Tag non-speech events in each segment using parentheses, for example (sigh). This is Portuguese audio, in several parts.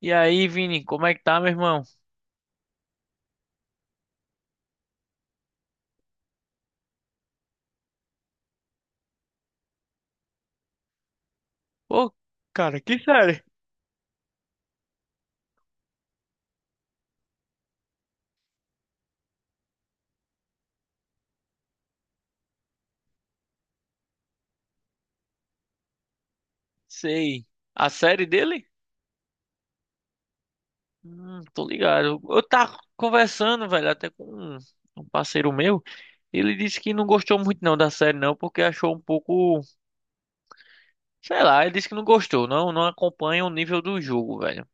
E aí, Vini, como é que tá, meu irmão? Pô, cara, que série? Sei. A série dele? Tô ligado. Eu tava conversando, velho, até com um um parceiro meu. Ele disse que não gostou muito não da série, não, porque achou um pouco. Sei lá, ele disse que não gostou, não, não acompanha o nível do jogo, velho.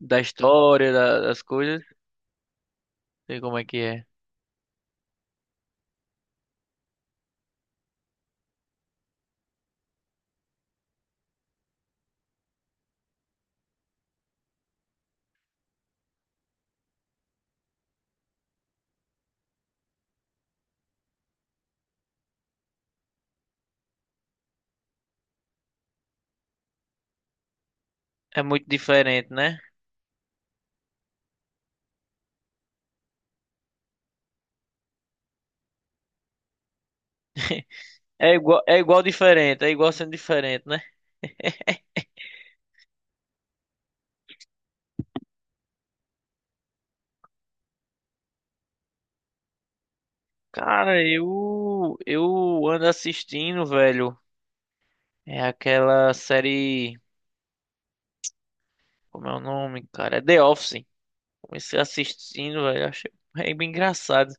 Da história, das coisas. Sei como é que é. É muito diferente, né? (laughs) É igual diferente, é igual sendo diferente, né? (laughs) Cara, eu ando assistindo, velho. É aquela série, como é o nome, cara? É The Office. Comecei assistindo, velho. Achei é bem engraçado.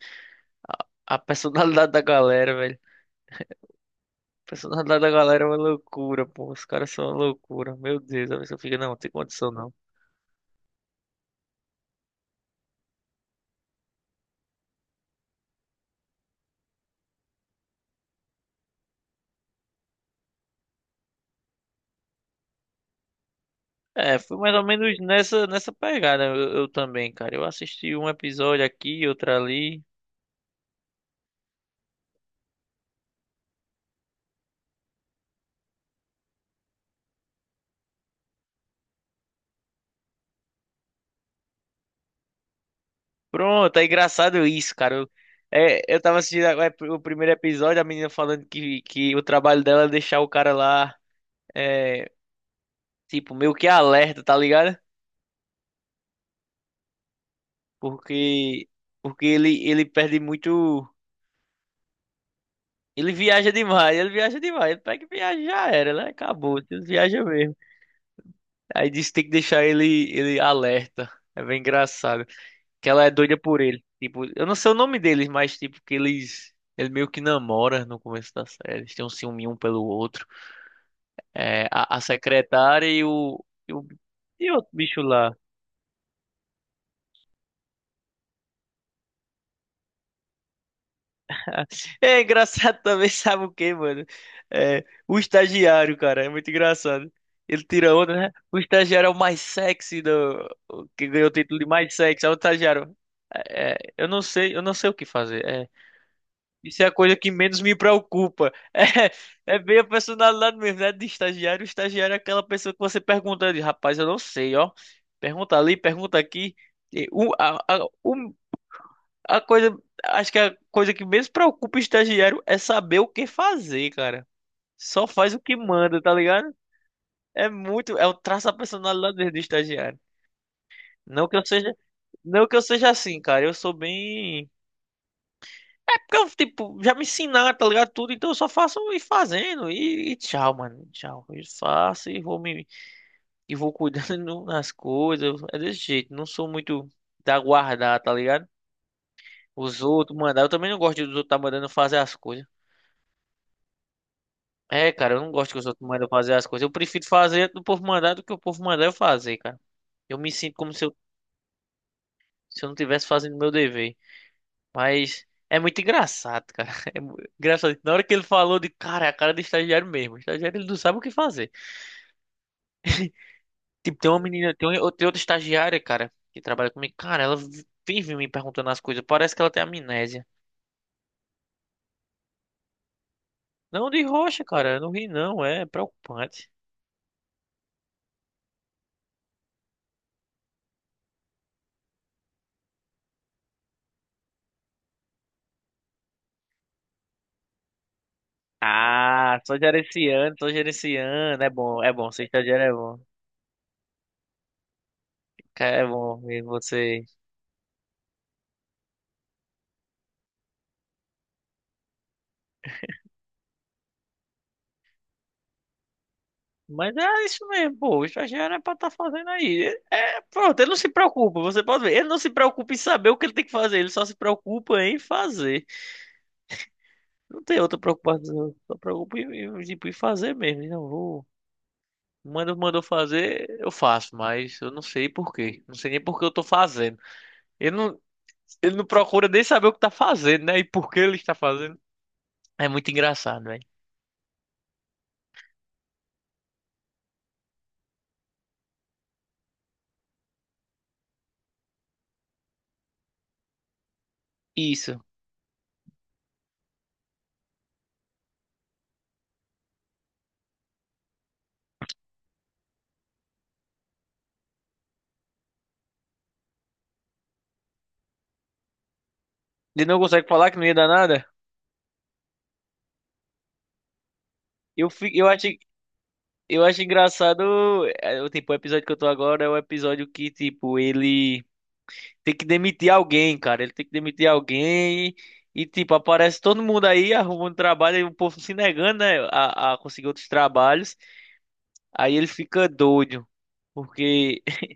A, a personalidade (laughs) da galera, velho. A personalidade da galera é uma loucura, pô. Os caras são uma loucura. Meu Deus, a pessoa fica, não, não tem condição não. É, foi mais ou menos nessa pegada eu também, cara. Eu assisti um episódio aqui, outro ali. Pronto, é engraçado isso, cara. Eu, eu tava assistindo o primeiro episódio, a menina falando que o trabalho dela é deixar o cara lá, é, tipo, meio que alerta, tá ligado? Porque, porque ele, ele perde muito. Ele viaja demais, ele viaja demais. Ele pega e viaja, já era, né? Acabou, ele viaja mesmo. Aí disse que tem que deixar ele, ele alerta. É bem engraçado. Que ela é doida por ele. Tipo, eu não sei o nome deles, mas tipo, que eles. Ele meio que namora no começo da série. Eles têm um ciúme um pelo outro. A secretária e e o. E outro bicho lá. É engraçado também, (laughs) sabe o quê, mano? É, o estagiário, cara, é muito engraçado. Ele tira onda, né? O estagiário é o mais sexy do. O Que ganhou o título de mais sexy. É o estagiário. Eu não sei o que fazer. É, isso é a coisa que menos me preocupa. (laughs) É, é bem a personalidade mesmo, né? De estagiário. O estagiário é aquela pessoa que você pergunta, ele, rapaz, eu não sei, ó. Pergunta ali, pergunta aqui. E O, a, A coisa, Acho que a coisa que menos preocupa o estagiário é saber o que fazer, cara. Só faz o que manda, tá ligado? É muito, é o traço da personalidade dele do estagiário. Não que eu seja, não que eu seja assim, cara. Eu sou bem É porque eu, tipo, já me ensinaram, tá ligado? Tudo, então eu só faço e fazendo e tchau, mano. Tchau. Eu faço e vou me E vou cuidando (laughs) das coisas. É desse jeito, não sou muito da guardar, tá ligado? Os outros mandar, eu também não gosto dos outros tá mandando fazer as coisas. É, cara, eu não gosto que os outros mandam fazer as coisas. Eu prefiro fazer do povo mandar do que o povo mandar eu fazer, cara. Eu me sinto como se eu, se eu não tivesse fazendo meu dever. Mas é muito engraçado, cara. (laughs) É engraçado. Na hora que ele falou de cara, é a cara de estagiário mesmo. O estagiário ele não sabe o que fazer. Tipo, tem uma menina, tem outra estagiária, cara, que trabalha comigo. Cara, ela vive me perguntando as coisas. Parece que ela tem amnésia. Não de rocha, cara. Eu não ri, não. É preocupante. Ah, só gerenciando, só gerenciando. É bom, é bom. Ser estagiário é bom. Que é bom ver você. Mas é isso mesmo, pô. O estagiário é pra estar fazendo aí. É, é, pronto, ele não se preocupa, você pode ver. Ele não se preocupa em saber o que ele tem que fazer, ele só se preocupa em fazer. Não tem outra preocupação, só preocupa em, em, tipo, em fazer mesmo. Não vou. Manda, mandou fazer, eu faço, mas eu não sei por quê. Não sei nem por que eu tô fazendo. Ele não, ele não procura nem saber o que tá fazendo, né? E por que ele está fazendo. É muito engraçado, velho. Isso. Ele não consegue falar que não ia dar nada? Eu, eu acho. Eu acho engraçado, o episódio que eu tô agora é o episódio que, tipo, ele tem que demitir alguém, cara. Ele tem que demitir alguém e, tipo, aparece todo mundo aí arrumando trabalho e o povo se negando, né, a conseguir outros trabalhos. Aí ele fica doido, porque, (laughs)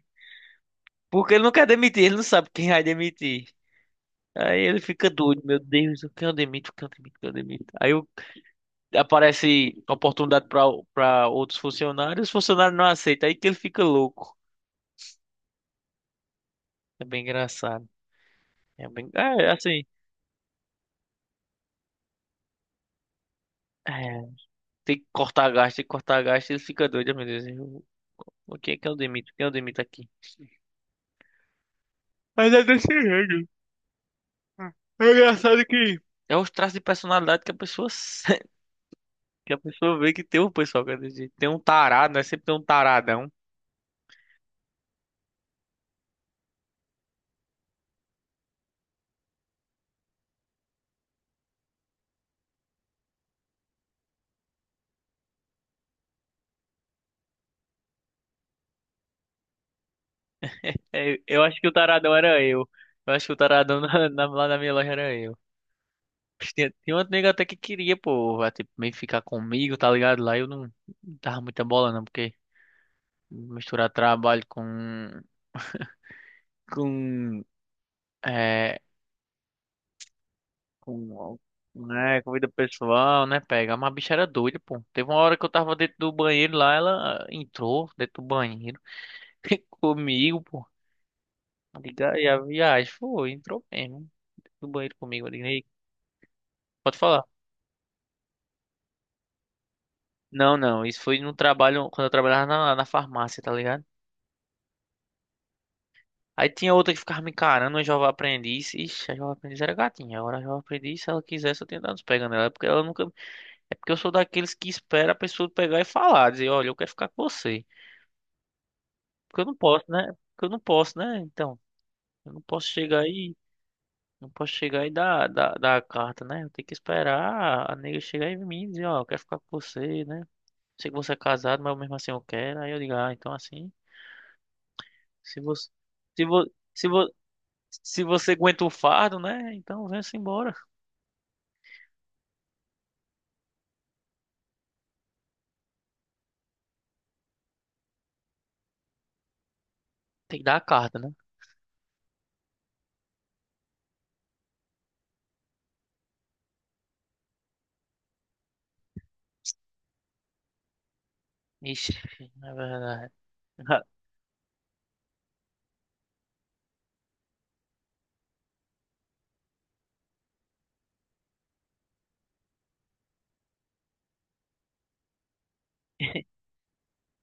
porque ele não quer demitir, ele não sabe quem vai demitir. Aí ele fica doido, meu Deus, quem eu demito, quem eu demito, quem eu demito. Aparece oportunidade para outros funcionários, os funcionários não aceitam, aí que ele fica louco. É bem engraçado. É bem. É, assim. É, tem que cortar gasto, tem que cortar gasto, ele fica doido, meu Deus. Eu, o que é que eu demito? Quem eu demito aqui? Mas é desse jeito. É engraçado que. É os traços de personalidade que a pessoa se- (laughs) que a pessoa vê que tem um pessoal que é desse jeito. Tem um tarado, né? Sempre tem um taradão. É, eu acho que o taradão era eu. Eu acho que o taradão (laughs) lá na minha loja era eu. Mas tinha, tinha outro nego até que queria, pô, vai, tipo, meio que ficar comigo, tá ligado? Lá eu não, não tava muita bola, não, porque misturar trabalho com com, é, com, né, com vida pessoal, né, pega. Mas a bicha era doida, pô. Teve uma hora que eu tava dentro do banheiro lá, ela entrou dentro do banheiro (laughs) comigo, pô. Liga e a viagem foi, entrou mesmo dentro do banheiro comigo. Eu digo, "Ei, pode falar. Não, não, isso foi no trabalho, quando eu trabalhava na farmácia, tá ligado? Aí tinha outra que ficava me encarando, uma jovem aprendiz. Ixi, a jovem aprendiz era gatinha. Agora a jovem aprendiz, se ela quisesse, eu tinha dado uns pegando ela, porque ela nunca é porque eu sou daqueles que espera a pessoa pegar e falar, dizer, olha, eu quero ficar com você. Porque eu não posso, né? Porque eu não posso, né? Então, eu não posso chegar aí, não posso chegar e dar a carta, né? Eu tenho que esperar a nega chegar em mim e dizer, ó, eu quero ficar com você, né? Sei que você é casado, mas mesmo assim eu quero. Aí eu digo, ah, então assim, se você, se vo, se vo, se você aguenta o fardo, né? Então vem-se embora. Tem que dar a carta, né? Ixi, é verdade. (laughs)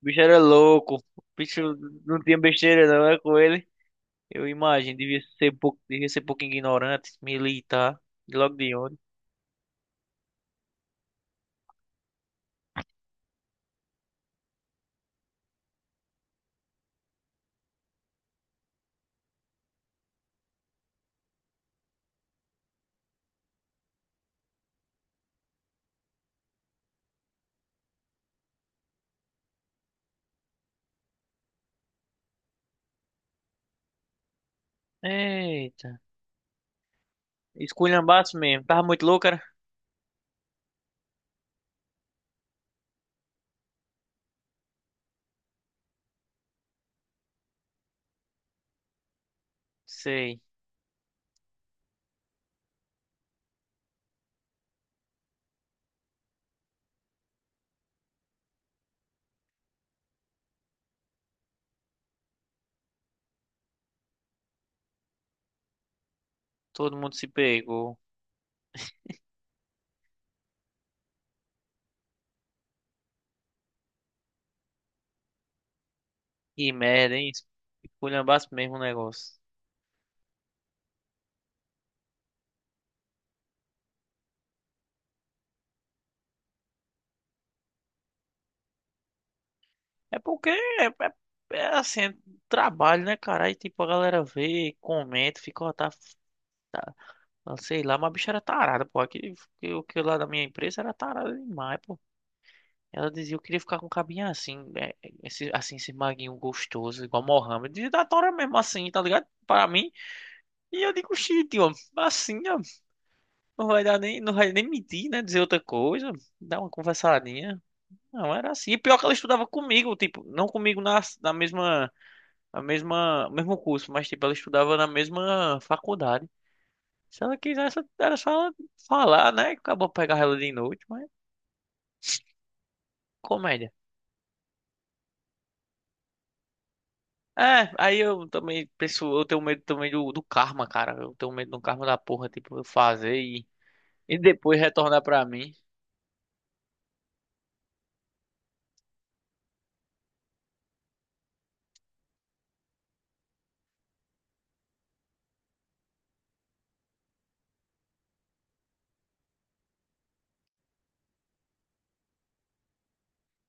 O bicho era louco. O bicho não tinha besteira não, é com ele. Eu imagino, devia ser pouco ignorante, militar, de logo de onde. Eita, esculhambaço mesmo. Tava muito louco, cara? Sei, todo mundo se pegou. Que merda, hein? Esculhambaço mesmo o negócio. É porque é assim, é trabalho, né, cara? Aí tipo, a galera vê, comenta, fica, ó, tá, sei lá, mas a bicha era tarada, pô. Aquele, o que lá da minha empresa era tarada demais, pô. Ela dizia, eu queria ficar com um cabinho assim, esse, assim, esse maguinho gostoso, igual Mohamed. E da Tora mesmo assim, tá ligado? Para mim. E eu digo, xixi, ó, assim, ó, não vai dar nem, não vai nem mentir, né? Dizer outra coisa, dar uma conversadinha. Não, era assim. E pior que ela estudava comigo, tipo, não comigo na mesma, mesmo curso, mas tipo, ela estudava na mesma faculdade. Se ela quisesse, era só ela falar, né? Acabou pegar ela de noite, mas comédia. É, aí eu também penso, eu tenho medo também do karma, cara. Eu tenho medo do karma da porra, tipo, eu fazer e depois retornar pra mim.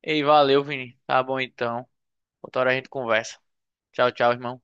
Ei, valeu, Vini. Tá bom então. Outra hora a gente conversa. Tchau, tchau, irmão.